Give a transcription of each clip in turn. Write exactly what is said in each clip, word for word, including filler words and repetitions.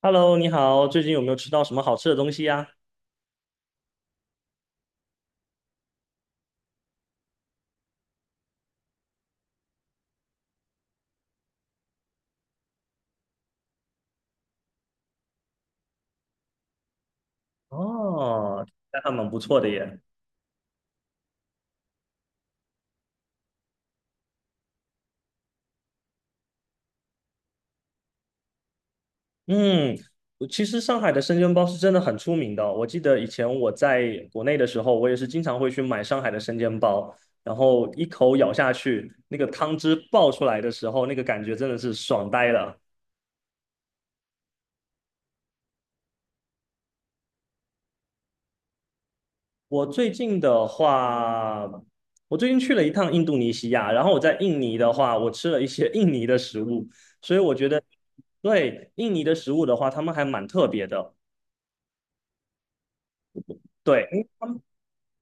Hello，你好，最近有没有吃到什么好吃的东西呀？哦，那还蛮不错的耶。嗯，其实上海的生煎包是真的很出名的哦。我记得以前我在国内的时候，我也是经常会去买上海的生煎包，然后一口咬下去，那个汤汁爆出来的时候，那个感觉真的是爽呆了。我最近的话，我最近去了一趟印度尼西亚，然后我在印尼的话，我吃了一些印尼的食物，所以我觉得对印尼的食物的话，他们还蛮特别的。对，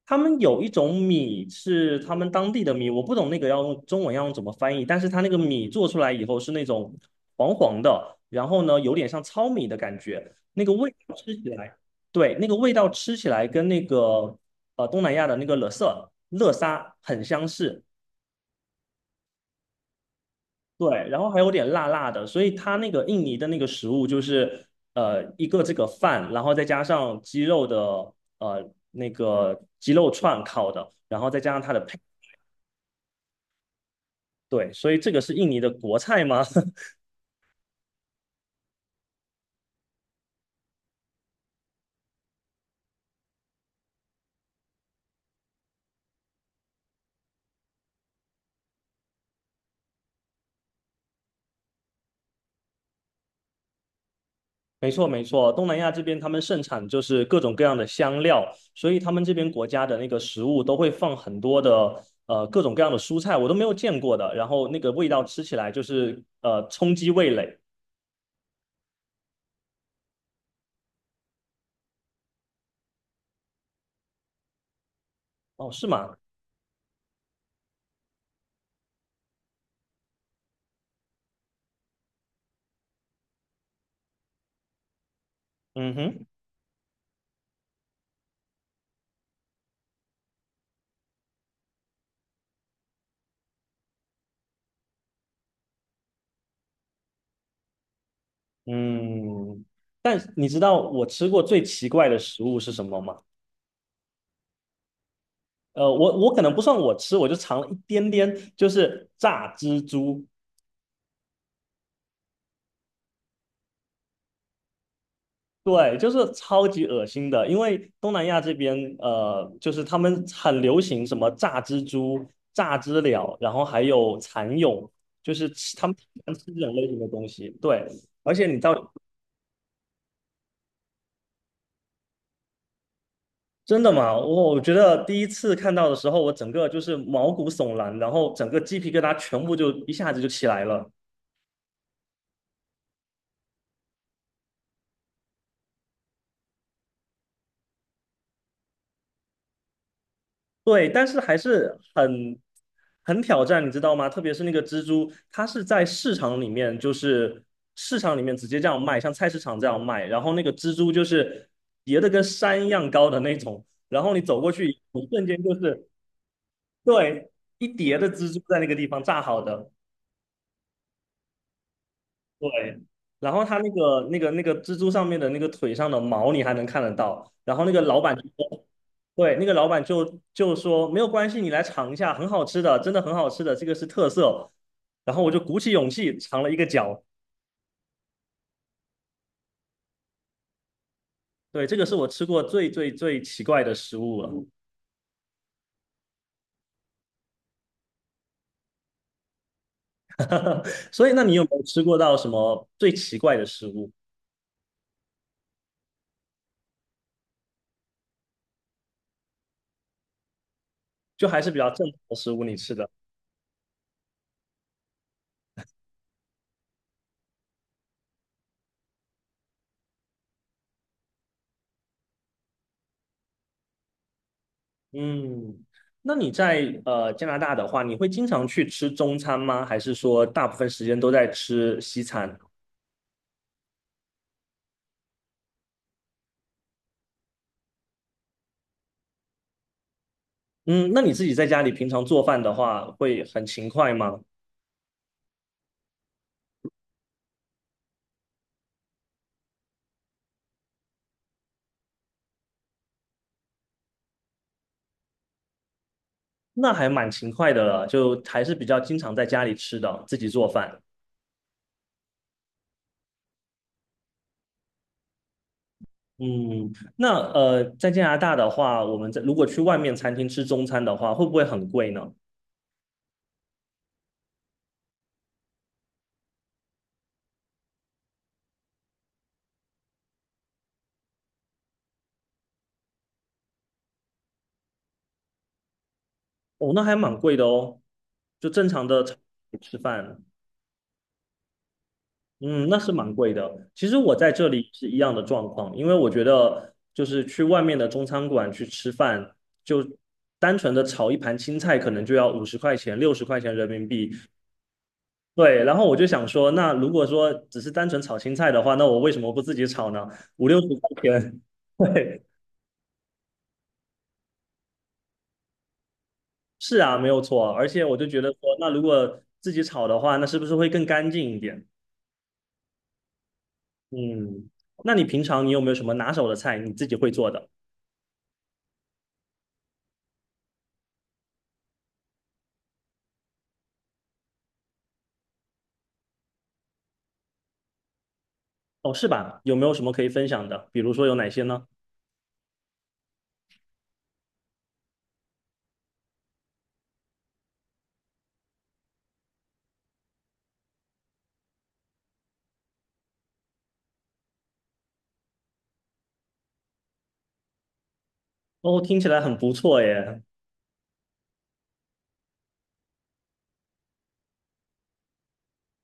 他们有一种米是他们当地的米，我不懂那个要用中文要用怎么翻译，但是它那个米做出来以后是那种黄黄的，然后呢有点像糙米的感觉，那个味道吃起来，对，那个味道吃起来跟那个呃东南亚的那个乐色乐沙很相似，对，然后还有点辣辣的，所以它那个印尼的那个食物就是呃一个这个饭，然后再加上鸡肉的呃那个鸡肉串烤的，然后再加上它的配。对，所以这个是印尼的国菜吗？没错，没错，东南亚这边他们盛产就是各种各样的香料，所以他们这边国家的那个食物都会放很多的呃各种各样的蔬菜，我都没有见过的，然后那个味道吃起来就是呃冲击味蕾。哦，是吗？嗯哼，嗯，但你知道我吃过最奇怪的食物是什么吗？呃，我我可能不算我吃，我就尝了一点点，就是炸蜘蛛。对，就是超级恶心的，因为东南亚这边，呃，就是他们很流行什么炸蜘蛛、炸知了，然后还有蚕蛹，就是吃他们喜欢吃这种类型的东西。对，而且你到真的吗？我我觉得第一次看到的时候，我整个就是毛骨悚然，然后整个鸡皮疙瘩全部就一下子就起来了。对，但是还是很很挑战，你知道吗？特别是那个蜘蛛，它是在市场里面，就是市场里面直接这样卖，像菜市场这样卖。然后那个蜘蛛就是叠的跟山一样高的那种，然后你走过去，一瞬间就是，对，一叠的蜘蛛在那个地方炸好的。对，然后他那个那个那个蜘蛛上面的那个腿上的毛你还能看得到，然后那个老板就说，对，那个老板就就说没有关系，你来尝一下，很好吃的，真的很好吃的，这个是特色。然后我就鼓起勇气尝了一个角，对，这个是我吃过最最最奇怪的食物了。所以，那你有没有吃过到什么最奇怪的食物？就还是比较正常的食物，你吃的。嗯，那你在呃加拿大的话，你会经常去吃中餐吗？还是说大部分时间都在吃西餐？嗯，那你自己在家里平常做饭的话，会很勤快吗？那还蛮勤快的了，就还是比较经常在家里吃的，自己做饭。嗯，那呃，在加拿大的话，我们在如果去外面餐厅吃中餐的话，会不会很贵呢？哦，那还蛮贵的哦，就正常的餐厅吃饭。嗯，那是蛮贵的。其实我在这里是一样的状况，因为我觉得就是去外面的中餐馆去吃饭，就单纯的炒一盘青菜，可能就要五十块钱、六十块钱人民币。对，然后我就想说，那如果说只是单纯炒青菜的话，那我为什么不自己炒呢？五六十块钱，对，是啊，没有错啊。而且我就觉得说，那如果自己炒的话，那是不是会更干净一点？嗯，那你平常你有没有什么拿手的菜你自己会做的？哦，是吧？有没有什么可以分享的？比如说有哪些呢？哦，听起来很不错耶。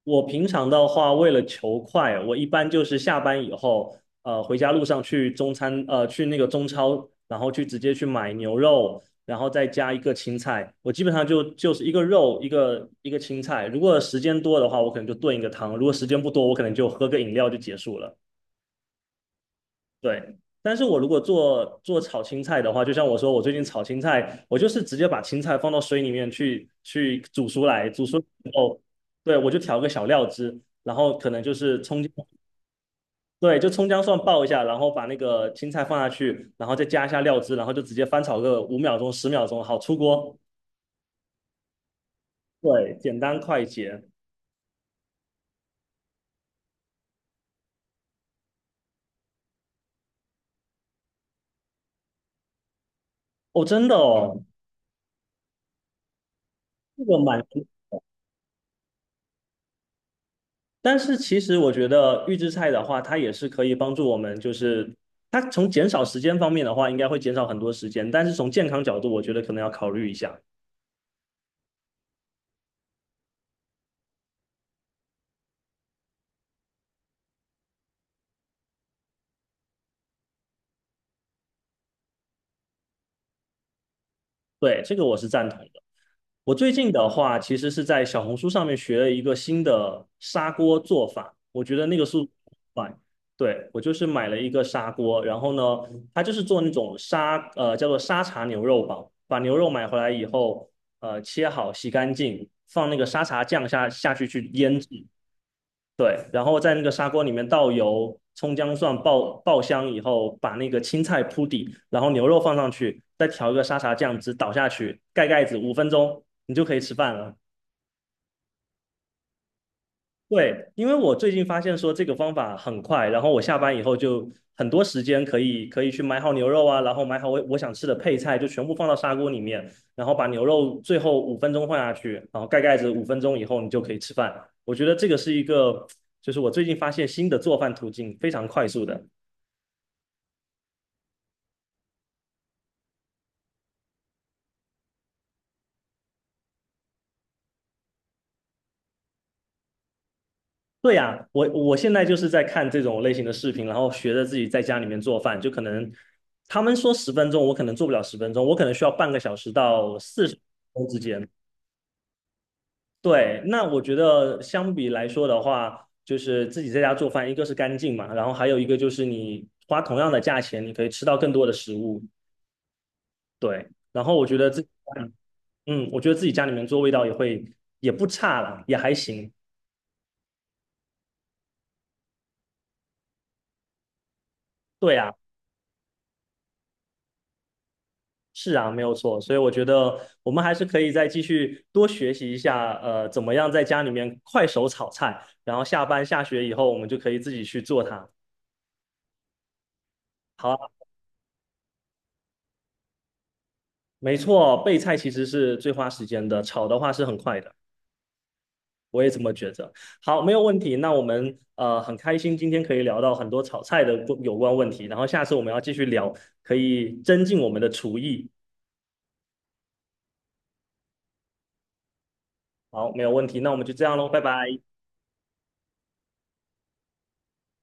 我平常的话，为了求快，我一般就是下班以后，呃，回家路上去中餐，呃，去那个中超，然后去直接去买牛肉，然后再加一个青菜。我基本上就就是一个肉，一个一个青菜。如果时间多的话，我可能就炖一个汤；如果时间不多，我可能就喝个饮料就结束了。对，但是我如果做做炒青菜的话，就像我说，我最近炒青菜，我就是直接把青菜放到水里面去去煮熟来，煮熟以后，对，我就调个小料汁，然后可能就是葱姜，对，就葱姜蒜爆一下，然后把那个青菜放下去，然后再加一下料汁，然后就直接翻炒个五秒钟、十秒钟，好出锅。对，简单快捷。哦，真的哦，这个蛮但是其实我觉得预制菜的话，它也是可以帮助我们，就是它从减少时间方面的话，应该会减少很多时间，但是从健康角度，我觉得可能要考虑一下。对，这个我是赞同的。我最近的话，其实是在小红书上面学了一个新的砂锅做法，我觉得那个速度很快。对，我就是买了一个砂锅，然后呢，它就是做那种沙，呃，叫做沙茶牛肉煲，把牛肉买回来以后，呃，切好洗干净，放那个沙茶酱下下去去腌制，对，然后在那个砂锅里面倒油、葱姜蒜爆爆香以后，把那个青菜铺底，然后牛肉放上去，再调一个沙茶酱汁倒下去，盖盖子，五分钟你就可以吃饭了。对，因为我最近发现说这个方法很快，然后我下班以后就很多时间可以可以去买好牛肉啊，然后买好我我想吃的配菜，就全部放到砂锅里面，然后把牛肉最后五分钟放下去，然后盖盖子，五分钟以后你就可以吃饭。我觉得这个是一个，就是我最近发现新的做饭途径，非常快速的。对呀，我我现在就是在看这种类型的视频，然后学着自己在家里面做饭，就可能他们说十分钟，我可能做不了十分钟，我可能需要半个小时到四十分钟之间。对，那我觉得相比来说的话，就是自己在家做饭，一个是干净嘛，然后还有一个就是你花同样的价钱，你可以吃到更多的食物。对，然后我觉得自己嗯，我觉得自己家里面做味道也会也不差了，也还行。对啊，是啊，没有错。所以我觉得我们还是可以再继续多学习一下，呃，怎么样在家里面快手炒菜，然后下班下学以后，我们就可以自己去做它。好啊。没错，备菜其实是最花时间的，炒的话是很快的。我也这么觉得。好，没有问题。那我们呃很开心今天可以聊到很多炒菜的有关问题，然后下次我们要继续聊，可以增进我们的厨艺。好，没有问题。那我们就这样喽，拜拜。